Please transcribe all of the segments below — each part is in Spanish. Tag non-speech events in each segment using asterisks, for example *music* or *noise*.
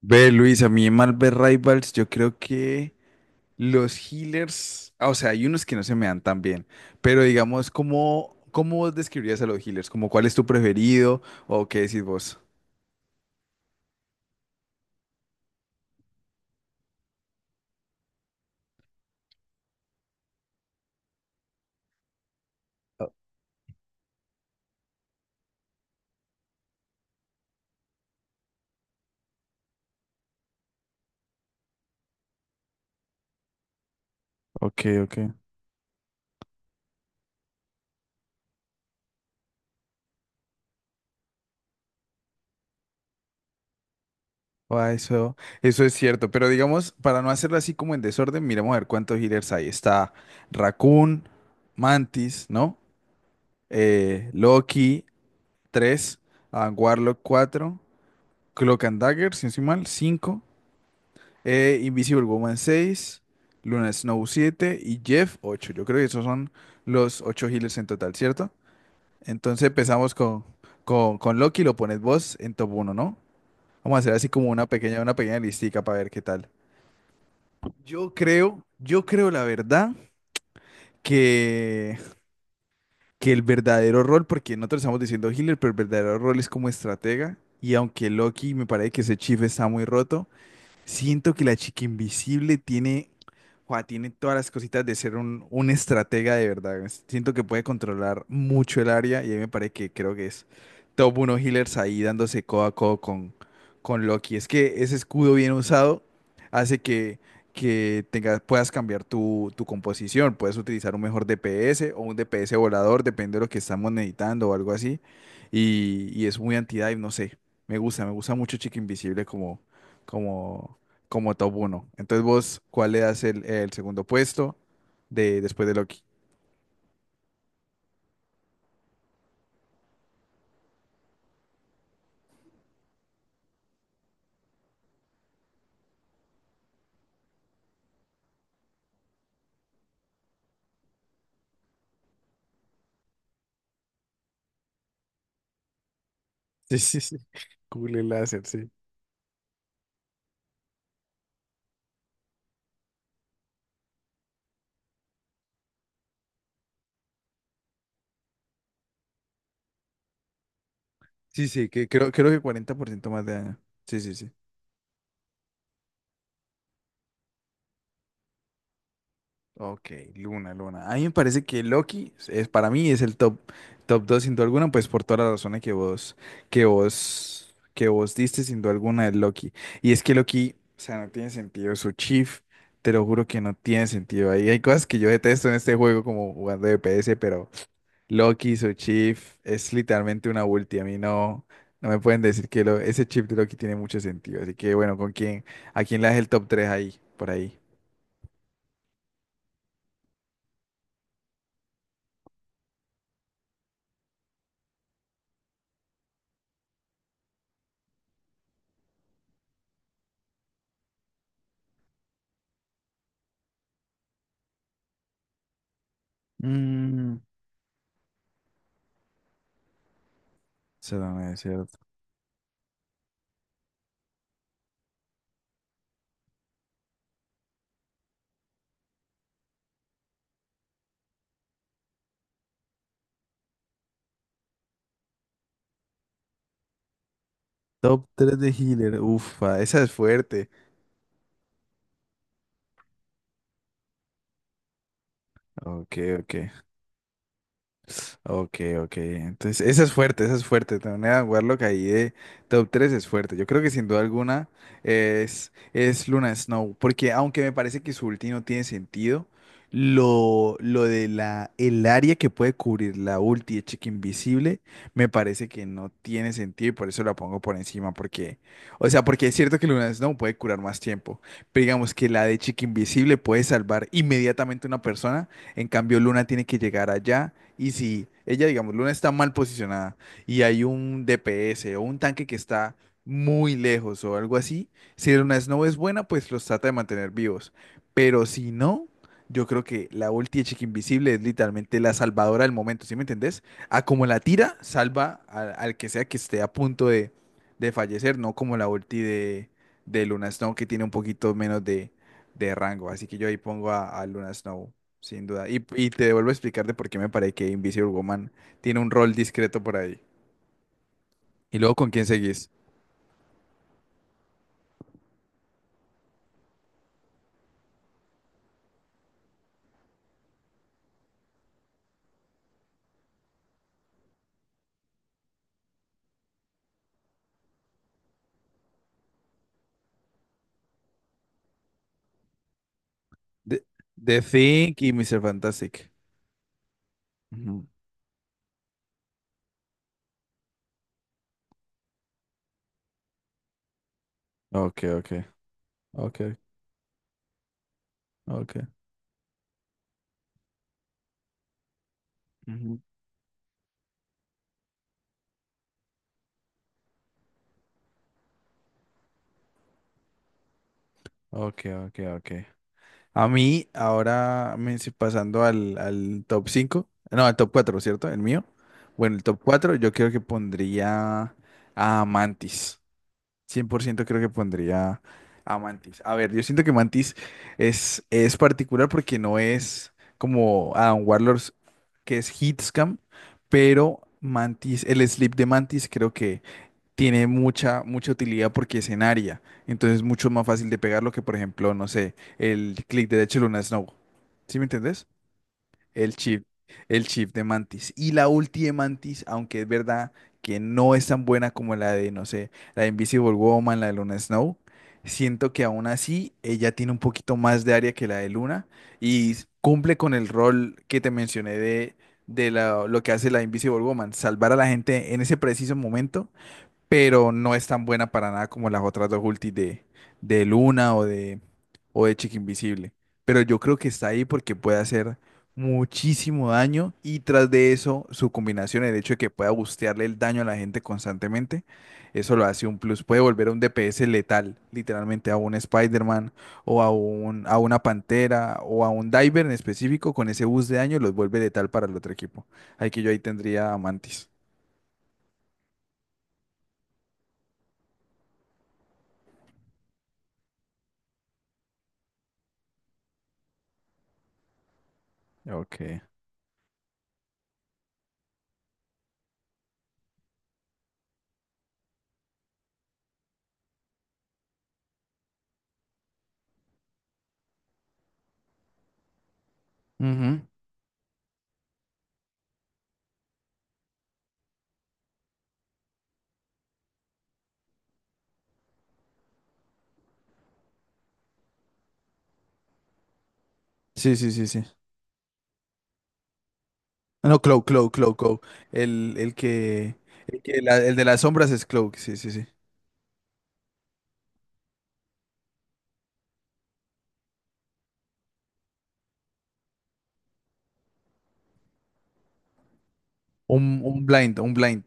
Ve, Luis, a mí en Marvel Rivals yo creo que los healers, o sea, hay unos que no se me dan tan bien, pero digamos, ¿cómo vos describirías a los healers? ¿Como cuál es tu preferido o qué decís vos? Ok, ok. Ah, eso es cierto, pero digamos, para no hacerlo así como en desorden, miremos a ver cuántos healers hay. Está Raccoon, Mantis, ¿no? Loki, 3, Warlock, 4, Cloak and Dagger, si no estoy mal, 5. Invisible Woman 6, Luna Snow 7 y Jeff 8. Yo creo que esos son los 8 healers en total, ¿cierto? Entonces empezamos con Loki, lo pones vos en top uno, ¿no? Vamos a hacer así como una pequeña listica para ver qué tal. Yo creo la verdad que, que el verdadero rol, porque nosotros estamos diciendo healer, pero el verdadero rol es como estratega. Y aunque Loki me parece que ese chief está muy roto, siento que la chica invisible tiene todas las cositas de ser un estratega de verdad. Siento que puede controlar mucho el área y a mí me parece que creo que es top 1 healers ahí dándose codo a codo con Loki. Es que ese escudo bien usado hace que tengas, puedas cambiar tu composición. Puedes utilizar un mejor DPS o un DPS volador, depende de lo que estamos necesitando o algo así. Y es muy anti-dive, no sé. Me gusta mucho Chica Invisible como, como top uno. Entonces vos, ¿cuál le das el segundo puesto después de Loki? Sí, sí, sí. Google Láser, sí. Sí, sí, creo que 40% más de daño. Sí, sí, sí. Ok, Luna, Luna. A mí me parece que Loki es, para mí es top 2 sin duda alguna, pues por todas las razones que vos diste sin duda alguna de Loki. Y es que Loki, o sea, no tiene sentido. Su chief, te lo juro que no tiene sentido. Ahí hay cosas que yo detesto en este juego como jugando de S, pero Loki, su chief, es literalmente una ulti. A mí no, no me pueden decir que ese chip de Loki tiene mucho sentido. Así que bueno, ¿con quién? ¿A quién le das el top tres ahí? Por ahí. Mm. Eso no es cierto. Top 3 de healer. Ufa, esa es fuerte. Ok, ok. *laughs* Ok, ok. Entonces, esa es fuerte, esa es fuerte. Tener a Warlock ahí de top 3 es fuerte. Yo creo que sin duda alguna es Luna Snow. Porque aunque me parece que su ulti no tiene sentido, lo de el área que puede cubrir la ulti de Chica Invisible me parece que no tiene sentido y por eso la pongo por encima. Porque, o sea, porque es cierto que Luna Snow puede curar más tiempo. Pero digamos que la de Chica Invisible puede salvar inmediatamente a una persona. En cambio, Luna tiene que llegar allá y si ella, digamos, Luna está mal posicionada y hay un DPS o un tanque que está muy lejos o algo así, si Luna Snow es buena, pues los trata de mantener vivos. Pero si no, yo creo que la ulti de Chica Invisible es literalmente la salvadora del momento, ¿sí me entendés? A como la tira, salva al que sea que esté a punto de fallecer, no como la ulti de Luna Snow que tiene un poquito menos de rango. Así que yo ahí pongo a Luna Snow sin duda. Y te vuelvo a explicar de por qué me parece que Invisible Woman tiene un rol discreto por ahí. Y luego, ¿con quién seguís? The, The Thing y Mr. Fantastic. Ujú. Ok, ok, ok, ok, ujú. Ok, ok, ok. A mí, ahora me si- pasando al top 5 no, al top cuatro, ¿cierto? El mío. Bueno, el top 4 yo creo que pondría a Mantis. Cien por ciento creo que pondría a Mantis. A ver, yo siento que Mantis es particular porque no es como Adam Warlords, que es Hitscam, pero Mantis, el sleep de Mantis creo que tiene mucha, mucha utilidad porque es en área. Entonces es mucho más fácil de pegarlo que, por ejemplo, no sé, el clic derecho de Luna Snow. ¿Sí me entendés? El chip, el chip de Mantis. Y la ulti de Mantis, aunque es verdad que no es tan buena como la de, no sé, la de Invisible Woman, la de Luna Snow, siento que aún así ella tiene un poquito más de área que la de Luna y cumple con el rol que te mencioné lo que hace la Invisible Woman, salvar a la gente en ese preciso momento, pero no es tan buena para nada como las otras dos ultis de Luna o de Chica Invisible. Pero yo creo que está ahí porque puede hacer muchísimo daño y tras de eso su combinación, el hecho de que pueda bustearle el daño a la gente constantemente, eso lo hace un plus. Puede volver a un DPS letal, literalmente a un Spider-Man o a a una Pantera o a un Diver en específico, con ese boost de daño los vuelve letal para el otro equipo. Ahí que yo ahí tendría a Mantis. Ok. Ujú. Sí, sí, sí, sí. Ah, no, Cloak, Cloak, Cloak, Cloak. El que, el de las sombras es Cloak, sí, sí, sí. Un blind, un blind.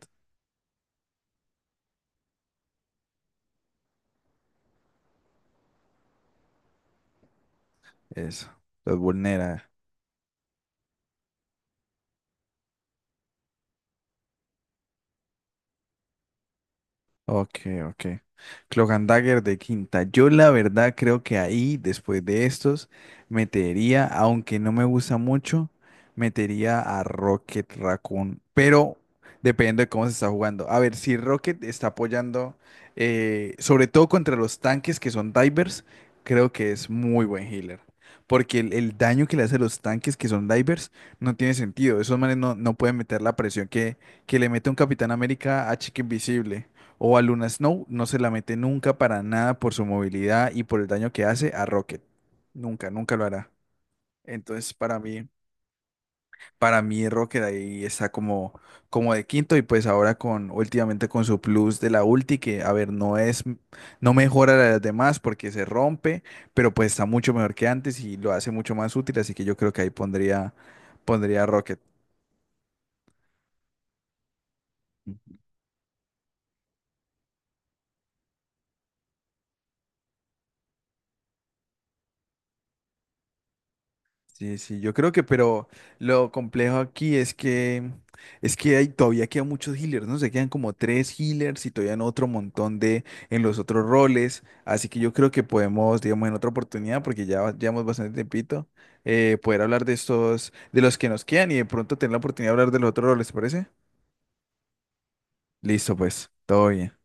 Eso. Los vulnera. Ok, ok. Cloak and Dagger de quinta. Yo la verdad creo que ahí, después de estos, metería, aunque no me gusta mucho, metería a Rocket Raccoon. Pero depende de cómo se está jugando. A ver, si Rocket está apoyando, sobre todo contra los tanques que son divers, creo que es muy buen healer. Porque el daño que le hace a los tanques que son divers no tiene sentido. Esos manes no, no pueden meter la presión que le mete un Capitán América a Chica Invisible. O a Luna Snow no se la mete nunca para nada por su movilidad y por el daño que hace a Rocket. Nunca, nunca lo hará. Entonces, para mí Rocket ahí está como de quinto y pues ahora últimamente con su plus de la ulti que, a ver, no es, no mejora la de las demás porque se rompe, pero pues está mucho mejor que antes y lo hace mucho más útil, así que yo creo que ahí pondría a Rocket. Sí, sí, yo creo pero lo complejo aquí es que hay, todavía quedan muchos healers, ¿no? Se quedan como tres healers y todavía en otro montón de en los otros roles. Así que yo creo que podemos, digamos, en otra oportunidad, porque llevamos bastante tiempito, poder hablar de estos, de los que nos quedan y de pronto tener la oportunidad de hablar de los otros roles, ¿te parece? Listo, pues, todo bien.